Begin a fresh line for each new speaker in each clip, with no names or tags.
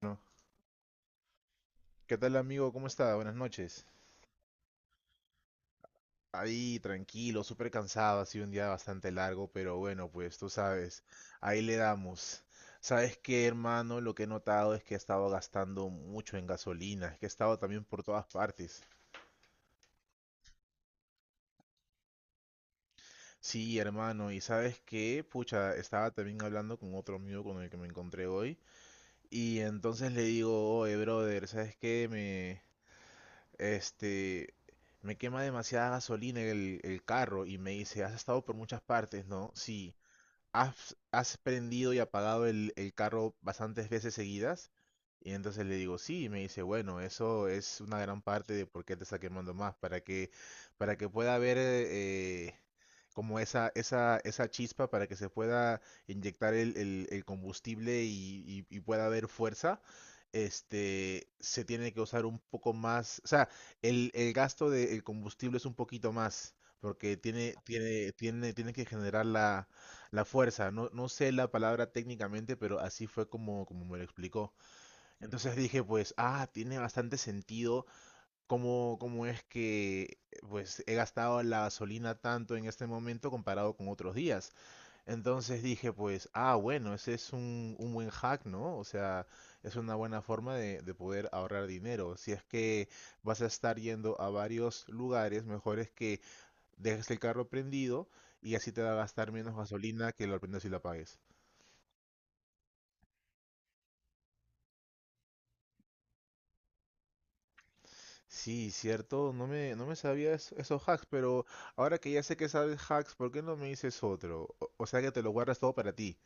Bueno, ¿qué tal amigo? ¿Cómo está? Buenas noches. Ahí, tranquilo, súper cansado, ha sido un día bastante largo, pero bueno, pues tú sabes, ahí le damos. ¿Sabes qué, hermano? Lo que he notado es que he estado gastando mucho en gasolina, es que he estado también por todas partes. Sí, hermano, y ¿sabes qué? Pucha, estaba también hablando con otro amigo con el que me encontré hoy, y entonces le digo, oye, brother, ¿sabes qué? Este, me quema demasiada gasolina el carro y me dice, has estado por muchas partes, ¿no? Sí has prendido y apagado el carro bastantes veces seguidas. Y entonces le digo, sí, y me dice, bueno, eso es una gran parte de por qué te está quemando más, para que pueda haber como esa chispa, para que se pueda inyectar el combustible y pueda haber fuerza, se tiene que usar un poco más, o sea, el gasto del combustible es un poquito más, porque tiene que generar la fuerza, no sé la palabra técnicamente, pero así fue como me lo explicó. Entonces dije, pues, ah, tiene bastante sentido cómo es que pues he gastado la gasolina tanto en este momento comparado con otros días. Entonces dije, pues, ah, bueno, ese es un buen hack, ¿no? O sea, es una buena forma de poder ahorrar dinero. Si es que vas a estar yendo a varios lugares, mejor es que dejes el carro prendido y así te va a gastar menos gasolina que lo prendas y la apagues. Sí, cierto, no me sabía esos hacks, pero ahora que ya sé que sabes hacks, ¿por qué no me dices otro? O sea que te lo guardas todo para ti.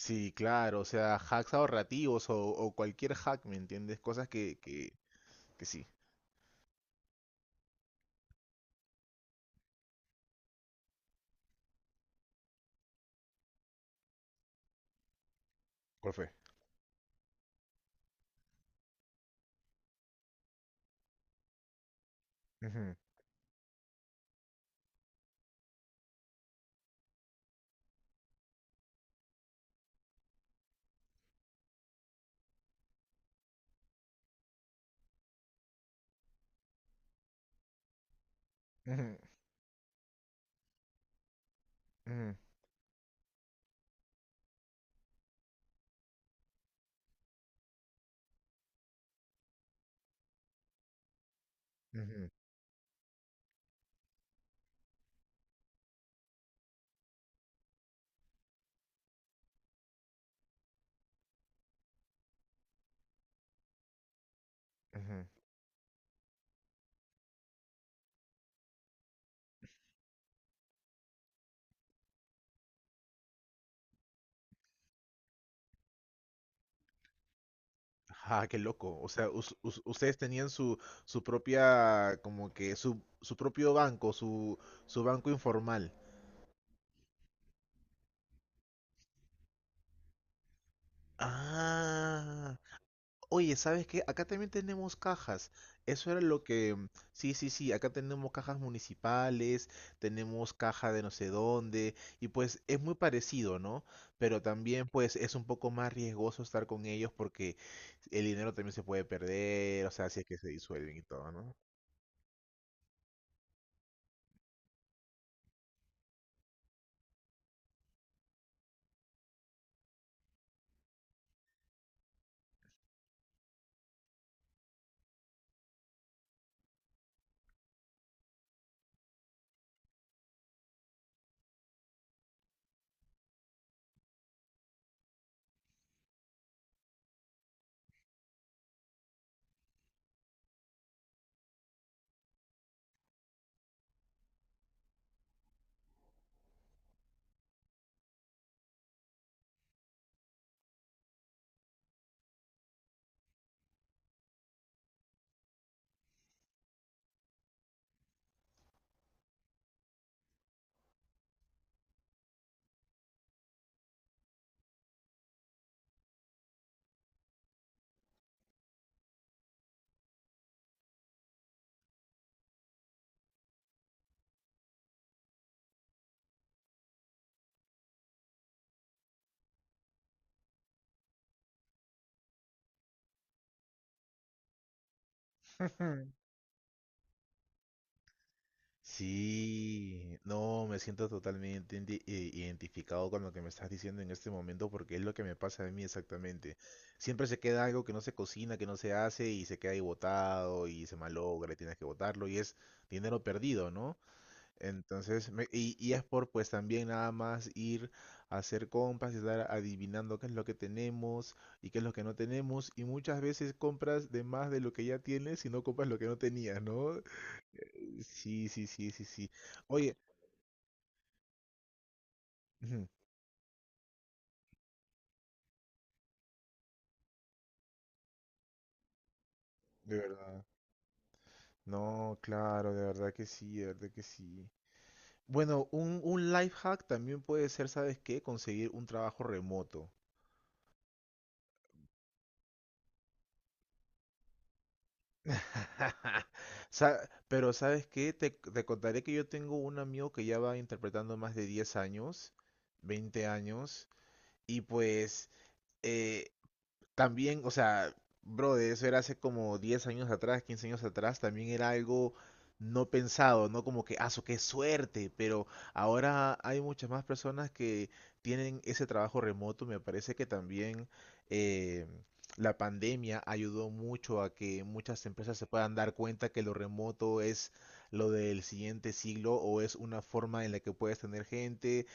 Sí, claro, o sea, hacks ahorrativos o cualquier hack, ¿me entiendes? Cosas que sí. ¿Cuál fue? Ujú, ujú, ujú, ujú, ujú. Ah, qué loco. O sea, ustedes tenían su propia, como que su propio banco, su banco informal. Ah. Oye, ¿sabes qué? Acá también tenemos cajas. Eso era lo que Sí, acá tenemos cajas municipales, tenemos caja de no sé dónde, y pues es muy parecido, ¿no? Pero también pues es un poco más riesgoso estar con ellos porque el dinero también se puede perder, o sea, si es que se disuelven y todo, ¿no? Sí, no, me siento totalmente identificado con lo que me estás diciendo en este momento porque es lo que me pasa a mí exactamente. Siempre se queda algo que no se cocina, que no se hace y se queda ahí botado y se malogra y tienes que botarlo y es dinero perdido, ¿no? Entonces, y es por pues también nada más ir a hacer compras y estar adivinando qué es lo que tenemos y qué es lo que no tenemos y muchas veces compras de más de lo que ya tienes y no compras lo que no tenías, ¿no? Sí, sí, sí, sí, sí. Oye, ujú, de verdad. No, claro, de verdad que sí, de verdad que sí. Bueno, un life hack también puede ser, ¿sabes qué? Conseguir un trabajo remoto. Sa- Pero ¿sabes qué? Te contaré que yo tengo un amigo que ya va interpretando más de 10 años, 20 años, y pues eh, también, o sea, bro, de eso era hace como 10 años atrás, 15 años atrás, también era algo no pensado, no como que, ah, su qué suerte, pero ahora hay muchas más personas que tienen ese trabajo remoto. Me parece que también eh, la pandemia ayudó mucho a que muchas empresas se puedan dar cuenta que lo remoto es lo del siguiente siglo o es una forma en la que puedes tener gente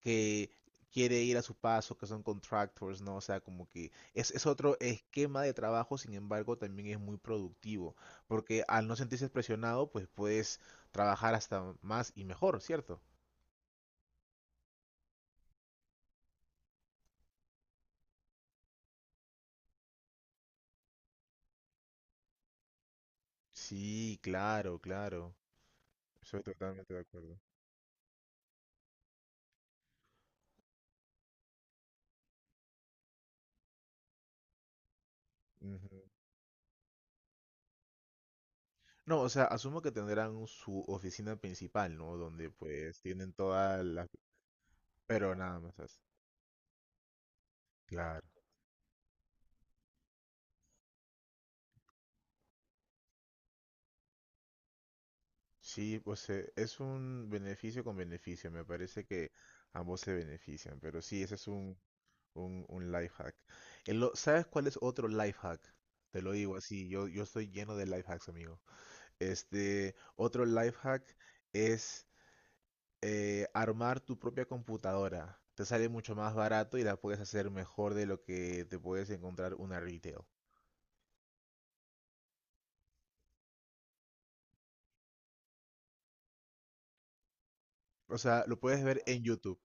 que quiere ir a su paso, que son contractors, ¿no? O sea, como que es otro esquema de trabajo, sin embargo, también es muy productivo, porque al no sentirse presionado, pues puedes trabajar hasta más y mejor, ¿cierto? Sí, claro, claro. Estoy totalmente de acuerdo. Ujú. No, o sea, asumo que tendrán su oficina principal, ¿no? Donde pues tienen todas las... Pero nada más así. Claro. Sí, pues es un beneficio con beneficio, me parece que ambos se benefician, pero sí, ese es un life hack. ¿Sabes cuál es otro life hack? Te lo digo así, yo estoy lleno de life hacks, amigo. Otro life hack es armar tu propia computadora. Te sale mucho más barato y la puedes hacer mejor de lo que te puedes encontrar una retail. O sea, lo puedes ver en YouTube.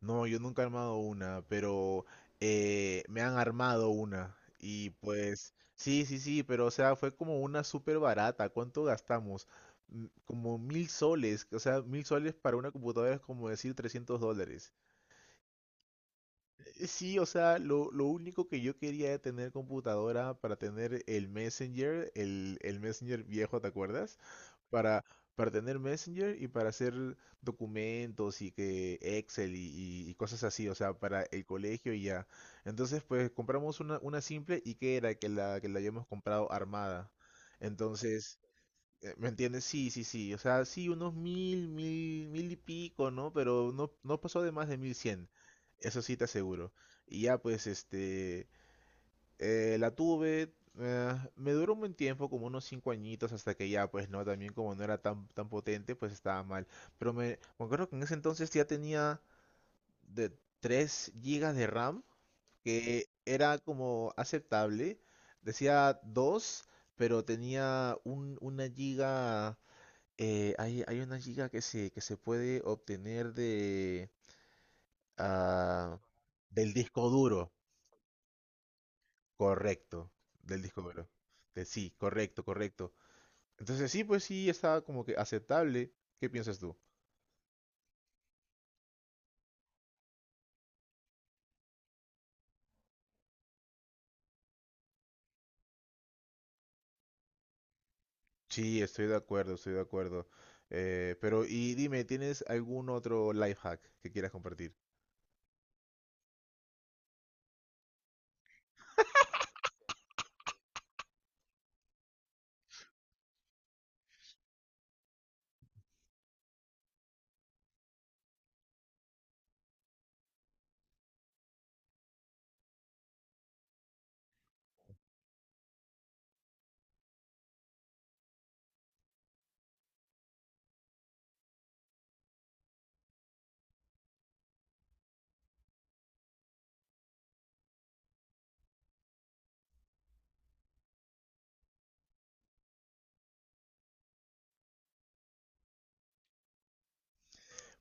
No, yo nunca he armado una, pero me han armado una. Y pues, sí, sí, sí, pero o sea, fue como una súper barata. ¿Cuánto gastamos? Como 1000 soles. O sea, mil soles para una computadora es como decir $300. Sí, o sea, lo único que yo quería era tener computadora para tener el Messenger, el Messenger viejo, ¿te acuerdas? Para, para tener Messenger y para hacer documentos y que Excel y cosas así, o sea, para el colegio y ya. Entonces, pues compramos una simple y que era que la habíamos comprado armada. Entonces, ¿me entiendes? Sí, sí, sí. O sea, sí, unos mil, mil, mil y pico, ¿no? Pero no, no pasó de más de 1100. Eso sí te aseguro. Y ya, pues, la tuve. Me duró un buen tiempo, como unos 5 añitos, hasta que ya, pues, no, también como no era tan potente, pues estaba mal. Pero me acuerdo que en ese entonces ya tenía de 3 gigas de RAM, que era como aceptable. Decía 2 pero tenía 1 giga. Hay 1 giga que que se puede obtener de, ah, del disco duro, correcto, del disco duro. De, sí, correcto, correcto. Entonces sí, pues sí, está como que aceptable. ¿Qué piensas tú? Sí, estoy de acuerdo, estoy de acuerdo. Pero y dime, ¿tienes algún otro life hack que quieras compartir?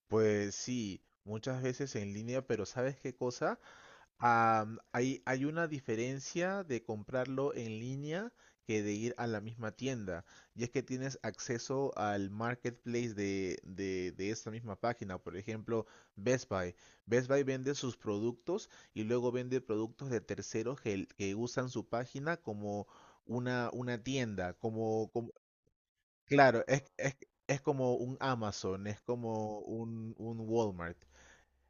Pues sí, muchas veces en línea, pero ¿sabes qué cosa? Hay una diferencia de comprarlo en línea que de ir a la misma tienda. Y es que tienes acceso al marketplace de esta misma página. Por ejemplo, Best Buy. Best Buy vende sus productos y luego vende productos de terceros que usan su página como una tienda. Claro, es como un Amazon, es como un Walmart.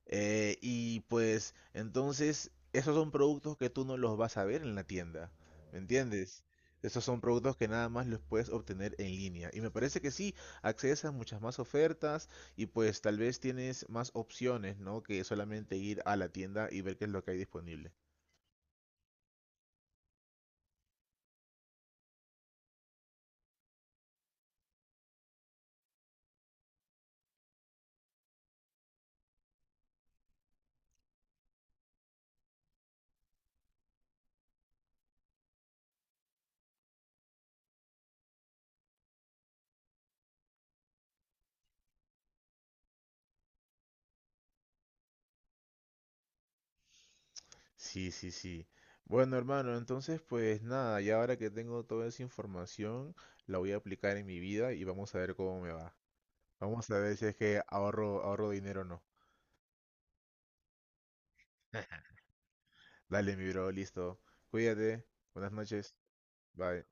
Y pues entonces esos son productos que tú no los vas a ver en la tienda, ¿me entiendes? Esos son productos que nada más los puedes obtener en línea. Y me parece que sí, accedes a muchas más ofertas y pues tal vez tienes más opciones, ¿no? Que solamente ir a la tienda y ver qué es lo que hay disponible. Sí, sí, sí. Bueno, hermano, entonces pues nada, ya ahora que tengo toda esa información, la voy a aplicar en mi vida y vamos a ver cómo me va. Vamos a ver si es que ahorro dinero o no. Dale, mi bro, listo. Cuídate. Buenas noches. Bye.